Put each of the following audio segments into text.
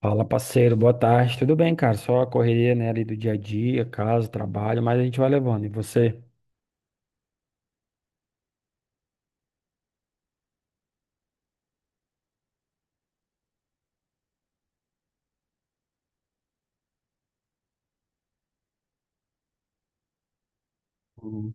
Fala, parceiro, boa tarde. Tudo bem, cara? Só a correria, né, ali do dia a dia, casa, trabalho, mas a gente vai levando. E você? Uhum.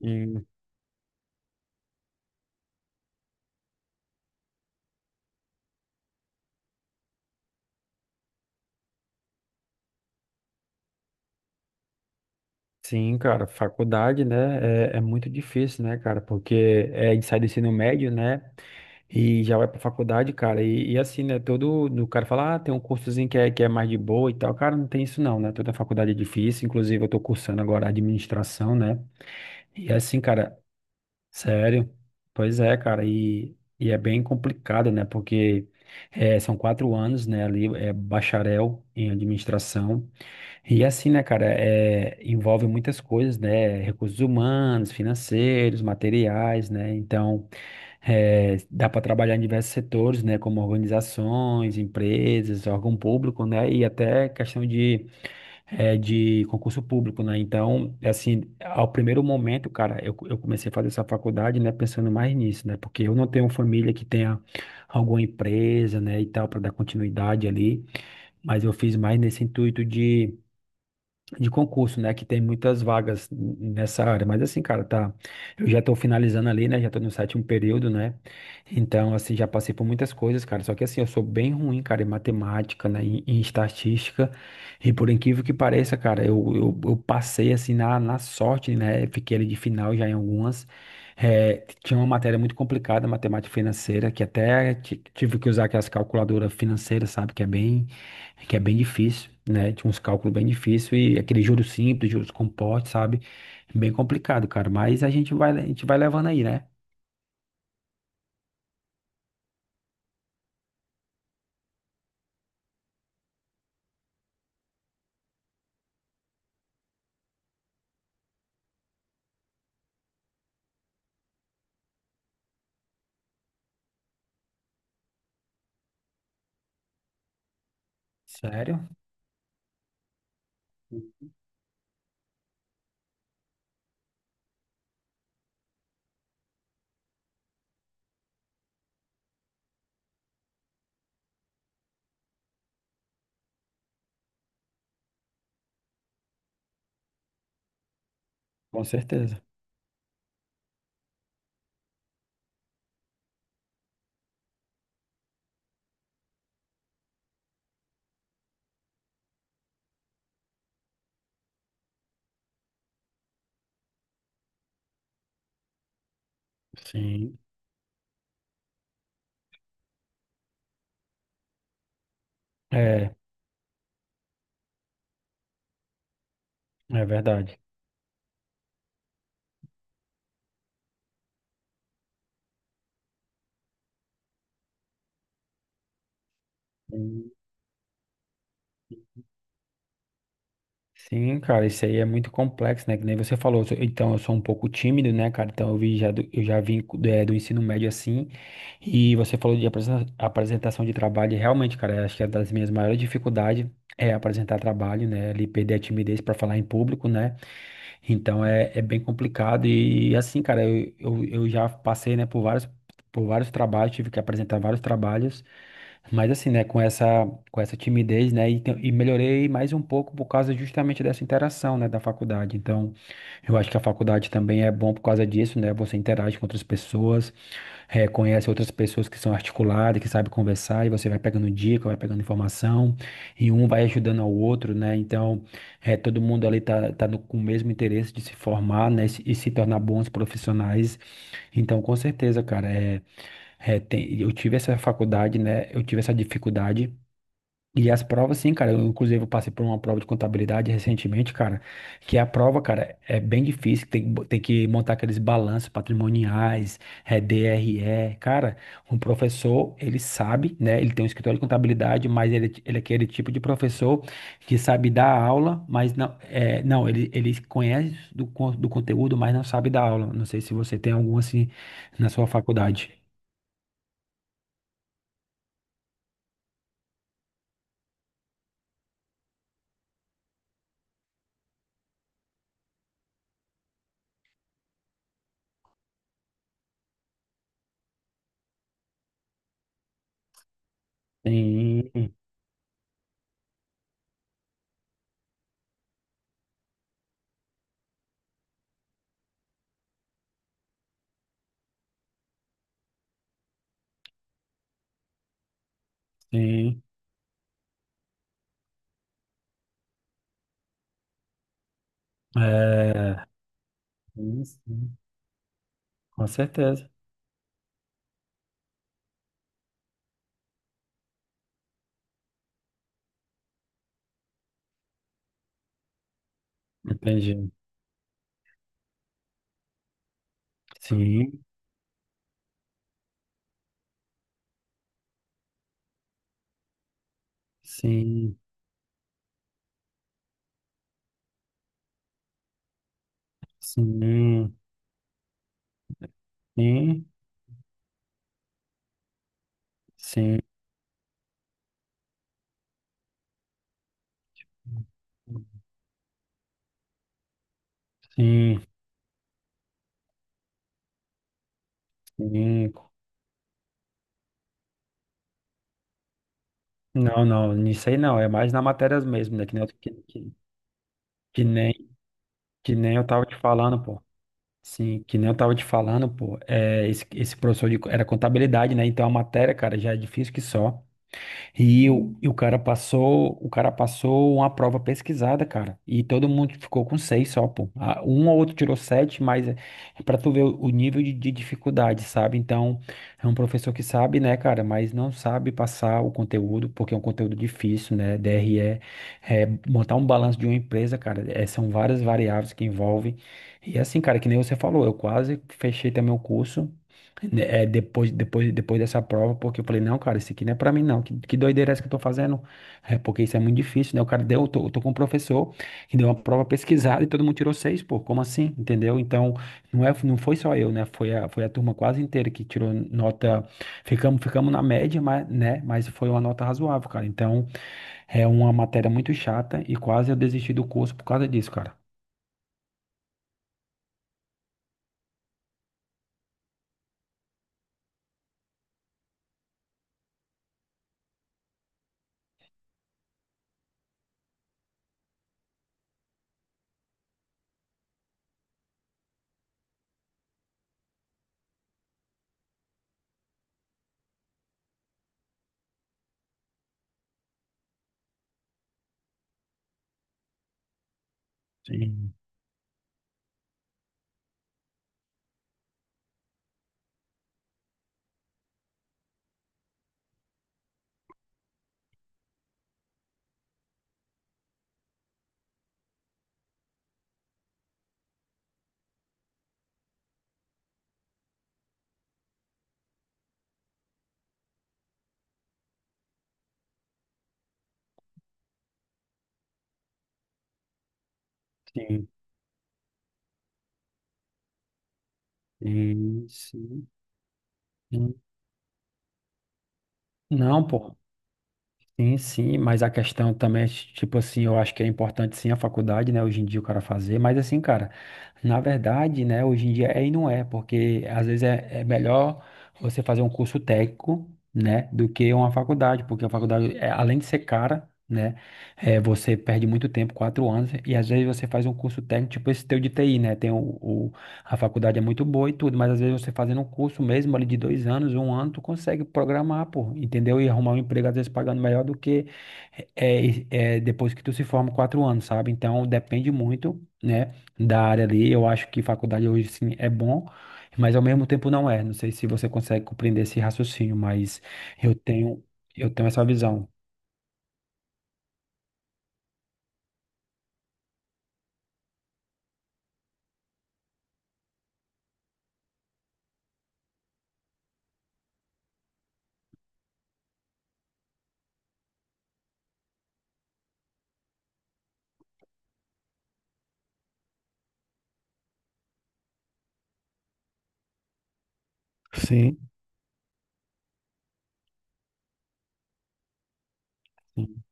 Hum, Sim, cara, faculdade, né, é muito difícil, né, cara, porque a gente sai do ensino médio, né, e já vai pra faculdade, cara, e assim, né, todo, o cara fala, ah, tem um cursozinho que é mais de boa e tal, cara, não tem isso não, né, toda faculdade é difícil, inclusive eu tô cursando agora administração, né, e assim, cara, Sério? Pois é, cara, e é bem complicado, né? Porque são 4 anos, né, ali, é bacharel em administração. E assim, né, cara, envolve muitas coisas, né? Recursos humanos, financeiros, materiais, né? Então, dá para trabalhar em diversos setores, né? Como organizações, empresas, órgão público, né? E até questão de concurso público, né? Então, assim, ao primeiro momento, cara, eu comecei a fazer essa faculdade, né, pensando mais nisso, né? Porque eu não tenho família que tenha alguma empresa, né, e tal, para dar continuidade ali, mas eu fiz mais nesse intuito de concurso, né? Que tem muitas vagas nessa área. Mas assim, cara, tá. Eu já tô finalizando ali, né? Já tô no sétimo período, né? Então, assim, já passei por muitas coisas, cara. Só que assim, eu sou bem ruim, cara, em matemática, né? Em estatística. E por incrível que pareça, cara, eu passei assim na sorte, né? Fiquei ali de final já em algumas. Tinha uma matéria muito complicada, matemática financeira, que até tive que usar aquelas calculadoras financeiras, sabe? É que é bem difícil, né? Tinha uns cálculos bem difícil e aquele juros simples, juros compostos, sabe? É bem complicado, cara. Mas a gente vai levando aí, né? Sério? Com certeza. Sim. É, é verdade. Sim, cara, isso aí é muito complexo, né? Que nem você falou. Então, eu sou um pouco tímido, né, cara? Então, eu vi já eu já vim do ensino médio assim. E você falou de apresentação de trabalho. E realmente, cara, eu acho que é das minhas maiores dificuldades é apresentar trabalho, né? Ali perder a timidez para falar em público, né? Então é bem complicado e assim, cara, eu já passei, né, por vários trabalhos, tive que apresentar vários trabalhos, mas assim, né, com essa timidez, né, e melhorei mais um pouco por causa justamente dessa interação, né, da faculdade. Então, eu acho que a faculdade também é bom por causa disso, né, você interage com outras pessoas, conhece outras pessoas que são articuladas, que sabem conversar, e você vai pegando dica, vai pegando informação, e um vai ajudando ao outro, né? Então, todo mundo ali tá com o mesmo interesse de se formar, né? E se tornar bons profissionais. Então, com certeza, cara, eu tive essa faculdade, né? Eu tive essa dificuldade e as provas, sim, cara. Eu, inclusive, eu passei por uma prova de contabilidade recentemente, cara. Que a prova, cara, é bem difícil. Tem que montar aqueles balanços patrimoniais, é DRE. Cara, um professor, ele sabe, né? Ele tem um escritório de contabilidade, mas ele é aquele tipo de professor que sabe dar aula, mas não, não ele conhece do conteúdo, mas não sabe dar aula. Não sei se você tem algum assim na sua faculdade. Sim, sim. É. Sim, sim. Com certeza. Entendi. Sim, sim, sim, sim, sim, sim, sim. Não, não, nisso aí não. É mais na matérias mesmo, né? Que nem, que nem eu tava te falando, pô. Sim, que nem eu tava te falando, pô. É, esse professor era contabilidade, né? Então a matéria, cara, já é difícil que só. E o cara passou uma prova pesquisada, cara. E todo mundo ficou com seis só, pô. Ah, um ou outro tirou sete, mas é pra tu ver o nível de dificuldade, sabe? Então, é um professor que sabe, né, cara, mas não sabe passar o conteúdo, porque é um conteúdo difícil, né? DRE, montar um balanço de uma empresa, cara, são várias variáveis que envolvem. E é assim, cara, que nem você falou, eu quase fechei também o curso, né. Depois dessa prova, porque eu falei, não, cara, isso aqui não é pra mim, não. Que doideira é essa que eu tô fazendo? É porque isso é muito difícil, né? O cara deu, eu tô com um professor que deu uma prova pesquisada e todo mundo tirou seis, pô, como assim? Entendeu? Então, não foi só eu, né? Foi a turma quase inteira que tirou nota. Ficamos na média, mas, né? Mas foi uma nota razoável, cara. Então, é uma matéria muito chata e quase eu desisti do curso por causa disso, cara. Sim. Sim, sim, sim. Não, pô. Sim, sim, mas a questão também, tipo assim, eu acho que é importante sim a faculdade, né, hoje em dia o cara fazer, mas assim, cara, na verdade, né, hoje em dia é e não é, porque às vezes é melhor você fazer um curso técnico, né, do que uma faculdade, porque a faculdade, além de ser cara, né, você perde muito tempo, 4 anos, e às vezes você faz um curso técnico, tipo esse teu de TI, né, a faculdade é muito boa e tudo, mas às vezes você fazendo um curso mesmo ali de 2 anos, um ano, tu consegue programar, pô, entendeu? E arrumar um emprego, às vezes, pagando melhor do que depois que tu se forma 4 anos, sabe? Então, depende muito, né, da área ali. Eu acho que faculdade hoje, sim, é bom, mas ao mesmo tempo não é. Não sei se você consegue compreender esse raciocínio, mas eu tenho, eu tenho essa visão. Sim. Sim,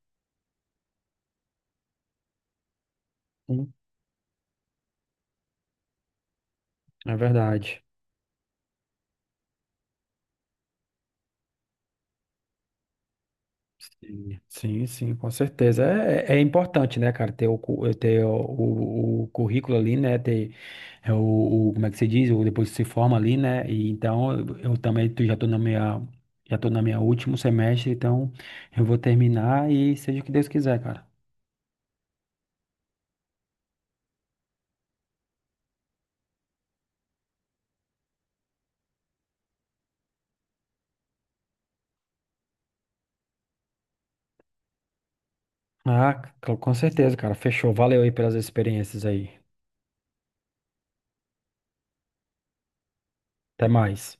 sim, é verdade. Sim, sim, sim, com certeza. É, é importante, né, cara, ter o currículo ali, né, ter é, o- como é que se diz, o, depois que se forma ali, né, e então eu já tô na minha último semestre, então eu vou terminar e seja o que Deus quiser, cara. Ah, com certeza, cara, fechou. Valeu aí pelas experiências aí. Até mais.